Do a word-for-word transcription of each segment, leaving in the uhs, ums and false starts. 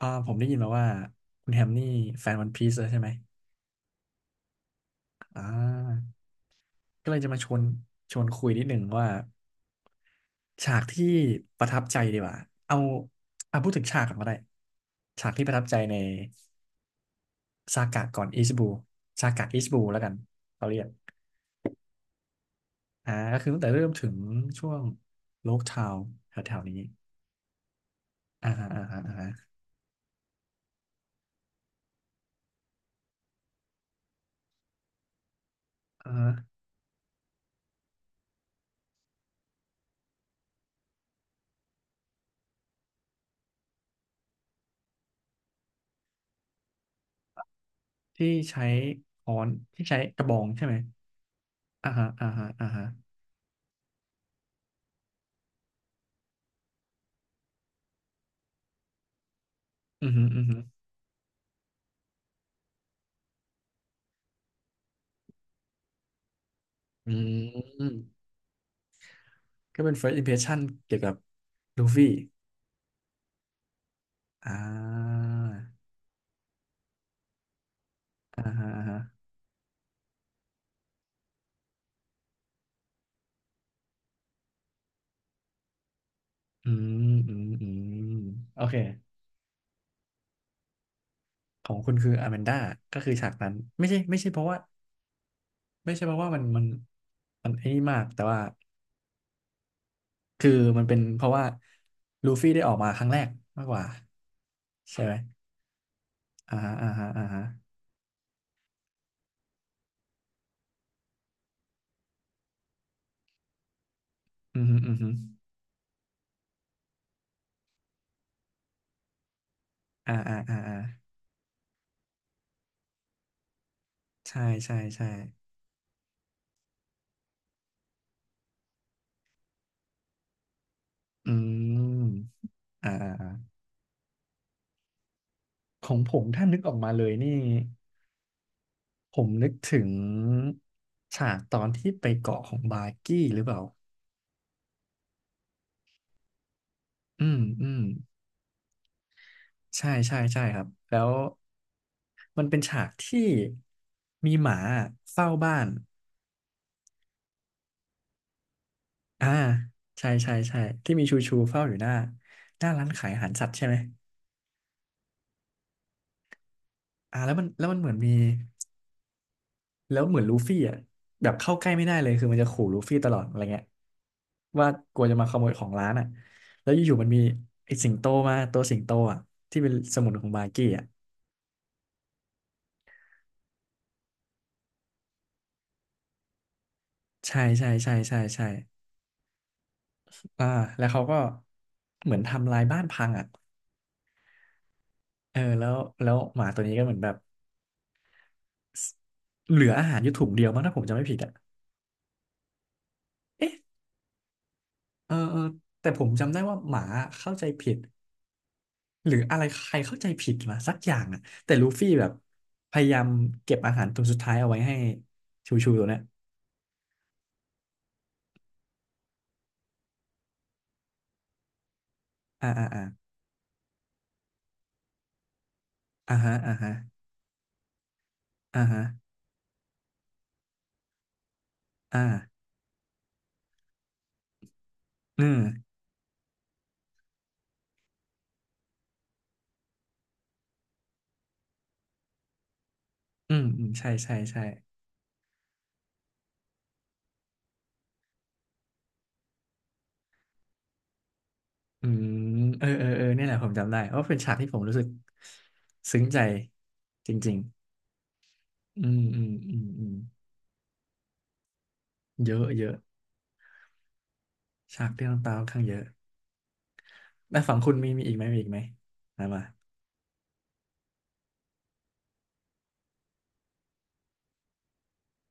อ่าผมได้ยินมาว่าคุณแฮมนี่แฟนวันพีซเลยใช่ไหมอ่าก็เลยจะมาชวนชวนคุยนิดหนึ่งว่าฉากที่ประทับใจดีกว่าเอาเอาพูดถึงฉากก่อนก็ได้ฉากที่ประทับใจในซากะก่อนอิชิบูซากะอิชิบูแล้วกันเขาเรียกอ่าก็คือตั้งแต่เริ่มถึงช่วงโลกทาวแถวๆนี้อ่าฮะอ่าฮะอ่าฮะอ่าฮะที่ใช้ค้อนที่ใช้กระบองใช่ไหมอ่าฮะอ่าฮะอ่าฮะอือฮึอือฮึ อืมก็เป็น เฟิร์สท อิมเพรสชั่น เกี่ยวกับลูฟี่อ่าอ่าฮะอ่าฮะอืมอืมอืมโอเคของคุณคืออ m มนดาก็คือฉากนั้นไม่ใช่ไม่ใช่เพราะว่าไม่ใช่เพราะว่ามันมันมันไอ้นี่มากแต่ว่าคือมันเป็นเพราะว่าลูฟี่ได้ออกมาครั้งแรกมากกว่าใช่ไหมอ่าฮะอ่าฮะอ่าฮะอืมฮึอืมฮึอ่าอ่าอ่าอ่าใช่ใช่ใช่อืมอ่าของผมถ้านึกออกมาเลยนี่ ผมนึกถึงฉากตอนที่ไปเกาะของบาร์กี้หรือเปล่า อืมอืมใช่ใช่ใช่ครับ แล้วมันเป็นฉากที่มีหมาเฝ้าบ้าน อ่า ใช่ใช่ใช่ที่มีชูชูเฝ้าอยู่หน้าหน้าร้านขายอาหารสัตว์ใช่ไหม อ่า แล้วมันแล้วมันเหมือนมี แล้วเหมือนลูฟี่อ่ะแบบเข้าใกล้ไม่ได้เลยคือมันจะขู่ลูฟี่ตลอดอะไรเงี้ยว่ากลัวจะมาขโมยของร้านอ่ะแล้วอยู่ๆมันมีไอ้สิงโตมาตัวสิงโตอ่ะที่เป็นสมุนของบาร์กี้อ่ะใช่ใช่ใช่ใช่ใช่อ่าแล้วเขาก็เหมือนทำลายบ้านพังอ่ะเออแล้วแล้วหมาตัวนี้ก็เหมือนแบบสเหลืออาหารอยู่ถุงเดียวมั้งถ้าผมจำไม่ผิดอ่ะเอ๊ะเออเออแต่ผมจำได้ว่าหมาเข้าใจผิด หรืออะไรใครเข้าใจผิดมาสักอย่างอ่ะแต่ลูฟี่แบบพยายามเก็บอาหารตัวสุดท้ายเอาไว้ให้ชูชูตัวเนี้ยอ่าอ่าอ่าอ่าฮะอ่าฮะอ่าฮะอ่าอืมอืมอืมใช่ใช่ใช่อืมเออเออเออเนี่ยแหละผมจำได้เพราะเป็นฉากที่ผมรู้สึกซึ้งใจจริงๆอืมอืมอืมอืมเยอะเยอะฉากที่น้ำตาค่อนข้างเยอะแล้วฝั่งคุณมีมีอีกไหมมีอีกไหมมามา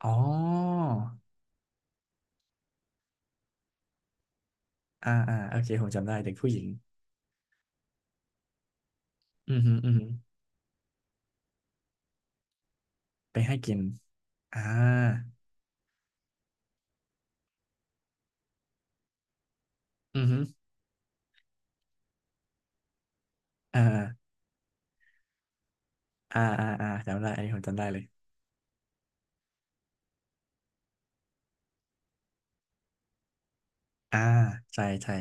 อ๋ออ่าอ่าโอเคผมจำได้เด็กผู้หญิงอือหืออือหือ ไปให้กินอ่าอือฮึอ่าอ่าอ่าอ่าจำได้อันนี้ผมจำได้เลยอ่าใช่ใช่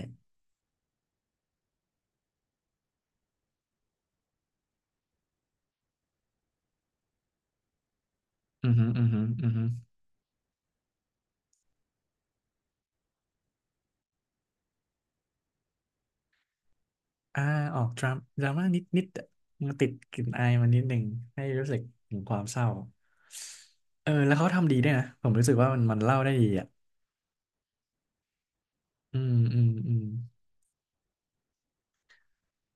อือฮึอือฮึอือฮึอ่าออกดราม่าดราม่านิดนิดมันติดกลิ่นอายมันนิดหนึ่งให้รู้สึกถึงความเศร้าเออแล้วเขาทำดีด้วยนะผมรู้สึกว่ามันมันเล่าได้ดีอ่ะอืมอืมอืม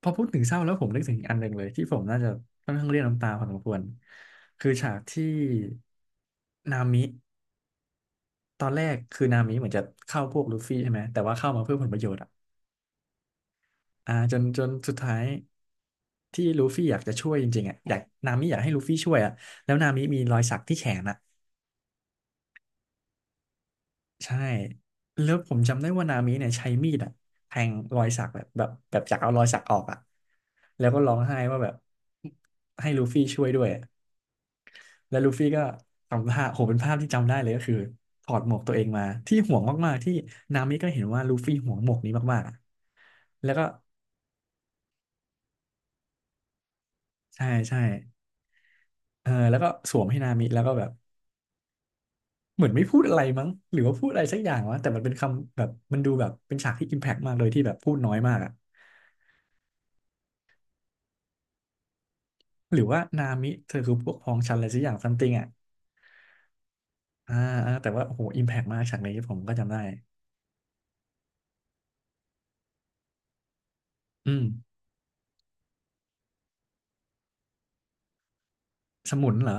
พอพูดถึงเศร้าแล้วผมนึกถึงอันหนึ่งเลยที่ผมน่าจะค่อนข้างเรียกน้ำตาพอสมควรคือฉากที่นามิ ตอนแรกคือนามิเหมือนจะเข้าพวกลูฟี่ใช่ไหมแต่ว่าเข้ามาเพื่อผลประโยชน์อ่ะอ่าจนจนสุดท้ายที่ลูฟี่อยากจะช่วยจริงๆอ่ะอยากนามิอยากให้ลูฟี่ช่วยอ่ะแล้วนามิมีรอยสักที่แขนอ่ะใช่แล้วผมจำได้ว่านามิเนี่ยใช้มีดอ่ะแทงรอยสักแบบแบบแบบจากเอารอยสักออกอ่ะแล้วก็ร้องไห้ว่าแบบให้ลูฟี่ช่วยด้วยอะแล้วลูฟี่ก็ทำท่าโหเป็นภาพที่จำได้เลยก็คือถอดหมวกตัวเองมาที่ห่วงมากๆที่นามิก็เห็นว่าลูฟี่ห่วงหมวกนี้มากๆอะแล้วก็ ใช่ใช่เออแล้วก็สวมให้นามิแล้วก็แบบเหมือนไม่พูดอะไรมั้งหรือว่าพูดอะไรสักอย่างวะแต่มันเป็นคำแบบมันดูแบบเป็นฉากที่อิมแพกมากเลยที่แบบพูดน้อยมากอะหรือว่านามิเธอคือพวกพ้องฉันอะไรสักอย่างซัมติงอะอ่าอ่าแต่ว่าโอ้โหอิมแพกมากฉากนี้ผมก็จำได้อืมสมุนเหรอ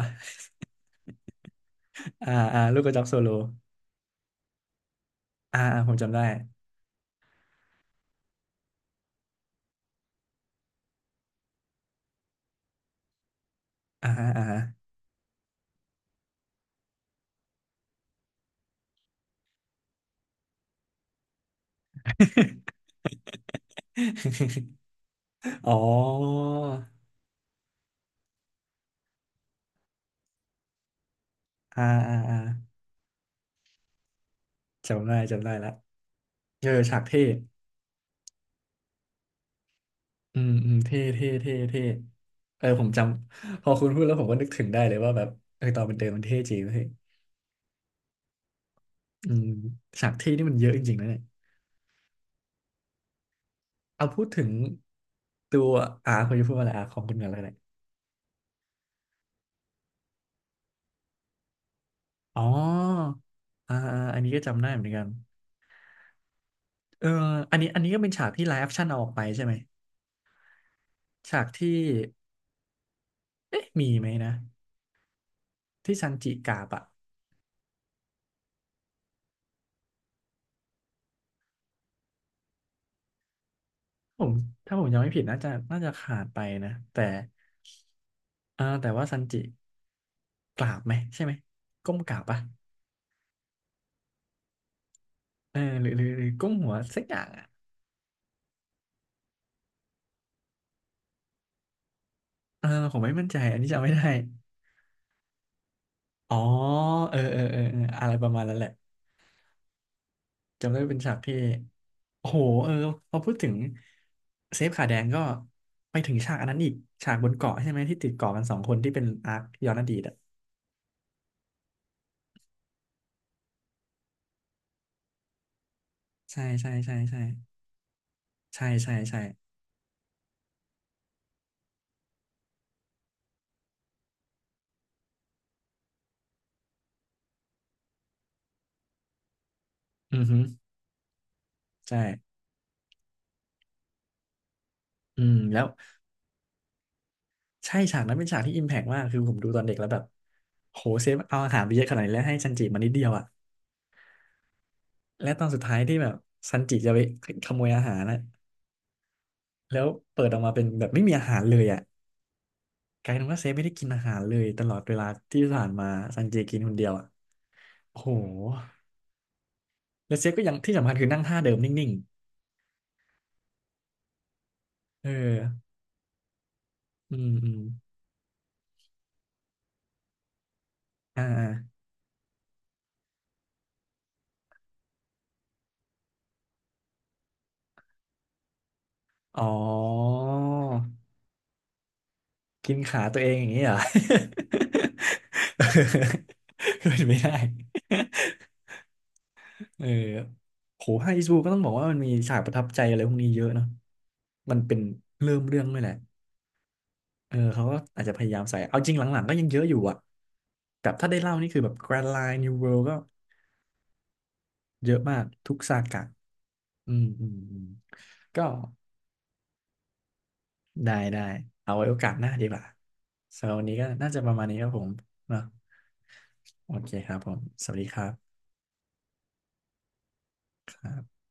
อ่าอ่าลูกกระจอกโซโลอ่าอ่าผมจำได้อ่าฮะอ่าฮะ อ๋ออ่าอ่าอ่าจำได้จำได้ละเจอฉากเท่ อืมอืมเท่เท่เท่เท่เออผมจำพอคุณพูดแล้วผมก็นึกถึงได้เลยว่าแบบเออตอนมันเดินมันเท่จริงเฮ้ยอืมฉากเท่นี่มันเยอะจริงๆนะเนี่ยเอาพูดถึงตัวอาคุณจะพูดว่าอะไรอาของคุณกันเลยเนี่ยอ๋ออ่าอาอันนี้ก็จำได้เหมือนกันเอออันนี้อันนี้ก็เป็นฉากที่ไลฟ์แอคชั่นเอาออกไปใช่ไหมฉากที่เอ๊ะมีไหมนะที่ซันจิกราบอะผมถ้าผมจำไม่ผิดน่าจะน่าจะขาดไปนะแต่ อ่าแต่ว่าซันจิกราบไหมใช่ไหมก้มกราบปะเออหรือหรือหรือก้มหัวสักอย่างอ่ะเออผมไม่มั่นใจอันนี้จำไม่ได้อ๋อเออเออเออเอออะไรประมาณนั้นแหละจำได้เป็นฉากที่โอ้โหเออพอพูดถึงเซฟขาแดงก็ไปถึงฉากอันนั้นอีกฉากบนเกาะใช่ไหมที่ติดเกาะกันสองคนที่เป็นอาร์คย้อนอดีตอ่ะใช่ใช่ใช่ใช่ใช่ใช่ใช่ใช่อือฮึใช่อืมแล้ว ใช่ฉากนั้นเป็นฉากที่อิมแพกมากคือผมดูตอนเด็กแล้วแบบโหเซฟเอาอาหารไปเยอะขนาดนี้แล้วให้ซันจิมานิดเดียวอ่ะและตอนสุดท้ายที่แบบซันจิจะไปขโมยอาหารนะแล้วเปิดออกมาเป็นแบบไม่มีอาหารเลยอ่ะกลายเป็นว่าเซฟไม่ได้กินอาหารเลยตลอดเวลาที่ผ่านมาซันจิกินคนเดียวอ่ะโอ้โหแล้วเซฟก็ยังที่สำคัญคือนั่งท่าเดิมนิ่งๆเอออืมอืมอ่าอาอ๋อกินขาตัวเองอย่างนี้เหรอ เป็ นไม่ได้ เออโหภาคอีสบูก็ต้องบอกว่ามันมีฉากประทับใจอะไรพวกนี้เยอะเนาะมันเป็นเริ่มเรื่องด้วยแหละเออเขาก็อาจจะพยายามใส่เอาจริงหลังๆก็ยังเยอะอยู่อะแบบถ้าได้เล่านี่คือแบบ แกรนด์ ไลน์ นิว เวิลด์ ก็เยอะมากทุกซากะอืมอืมอืมก็ได้ได้เอาไว้โอกาสหน้าดีกว่าสำหรับวันนี้ก็น่าจะประมาณนี้ครับผมเนาะโอเคครับผม สวัสดีครับครับ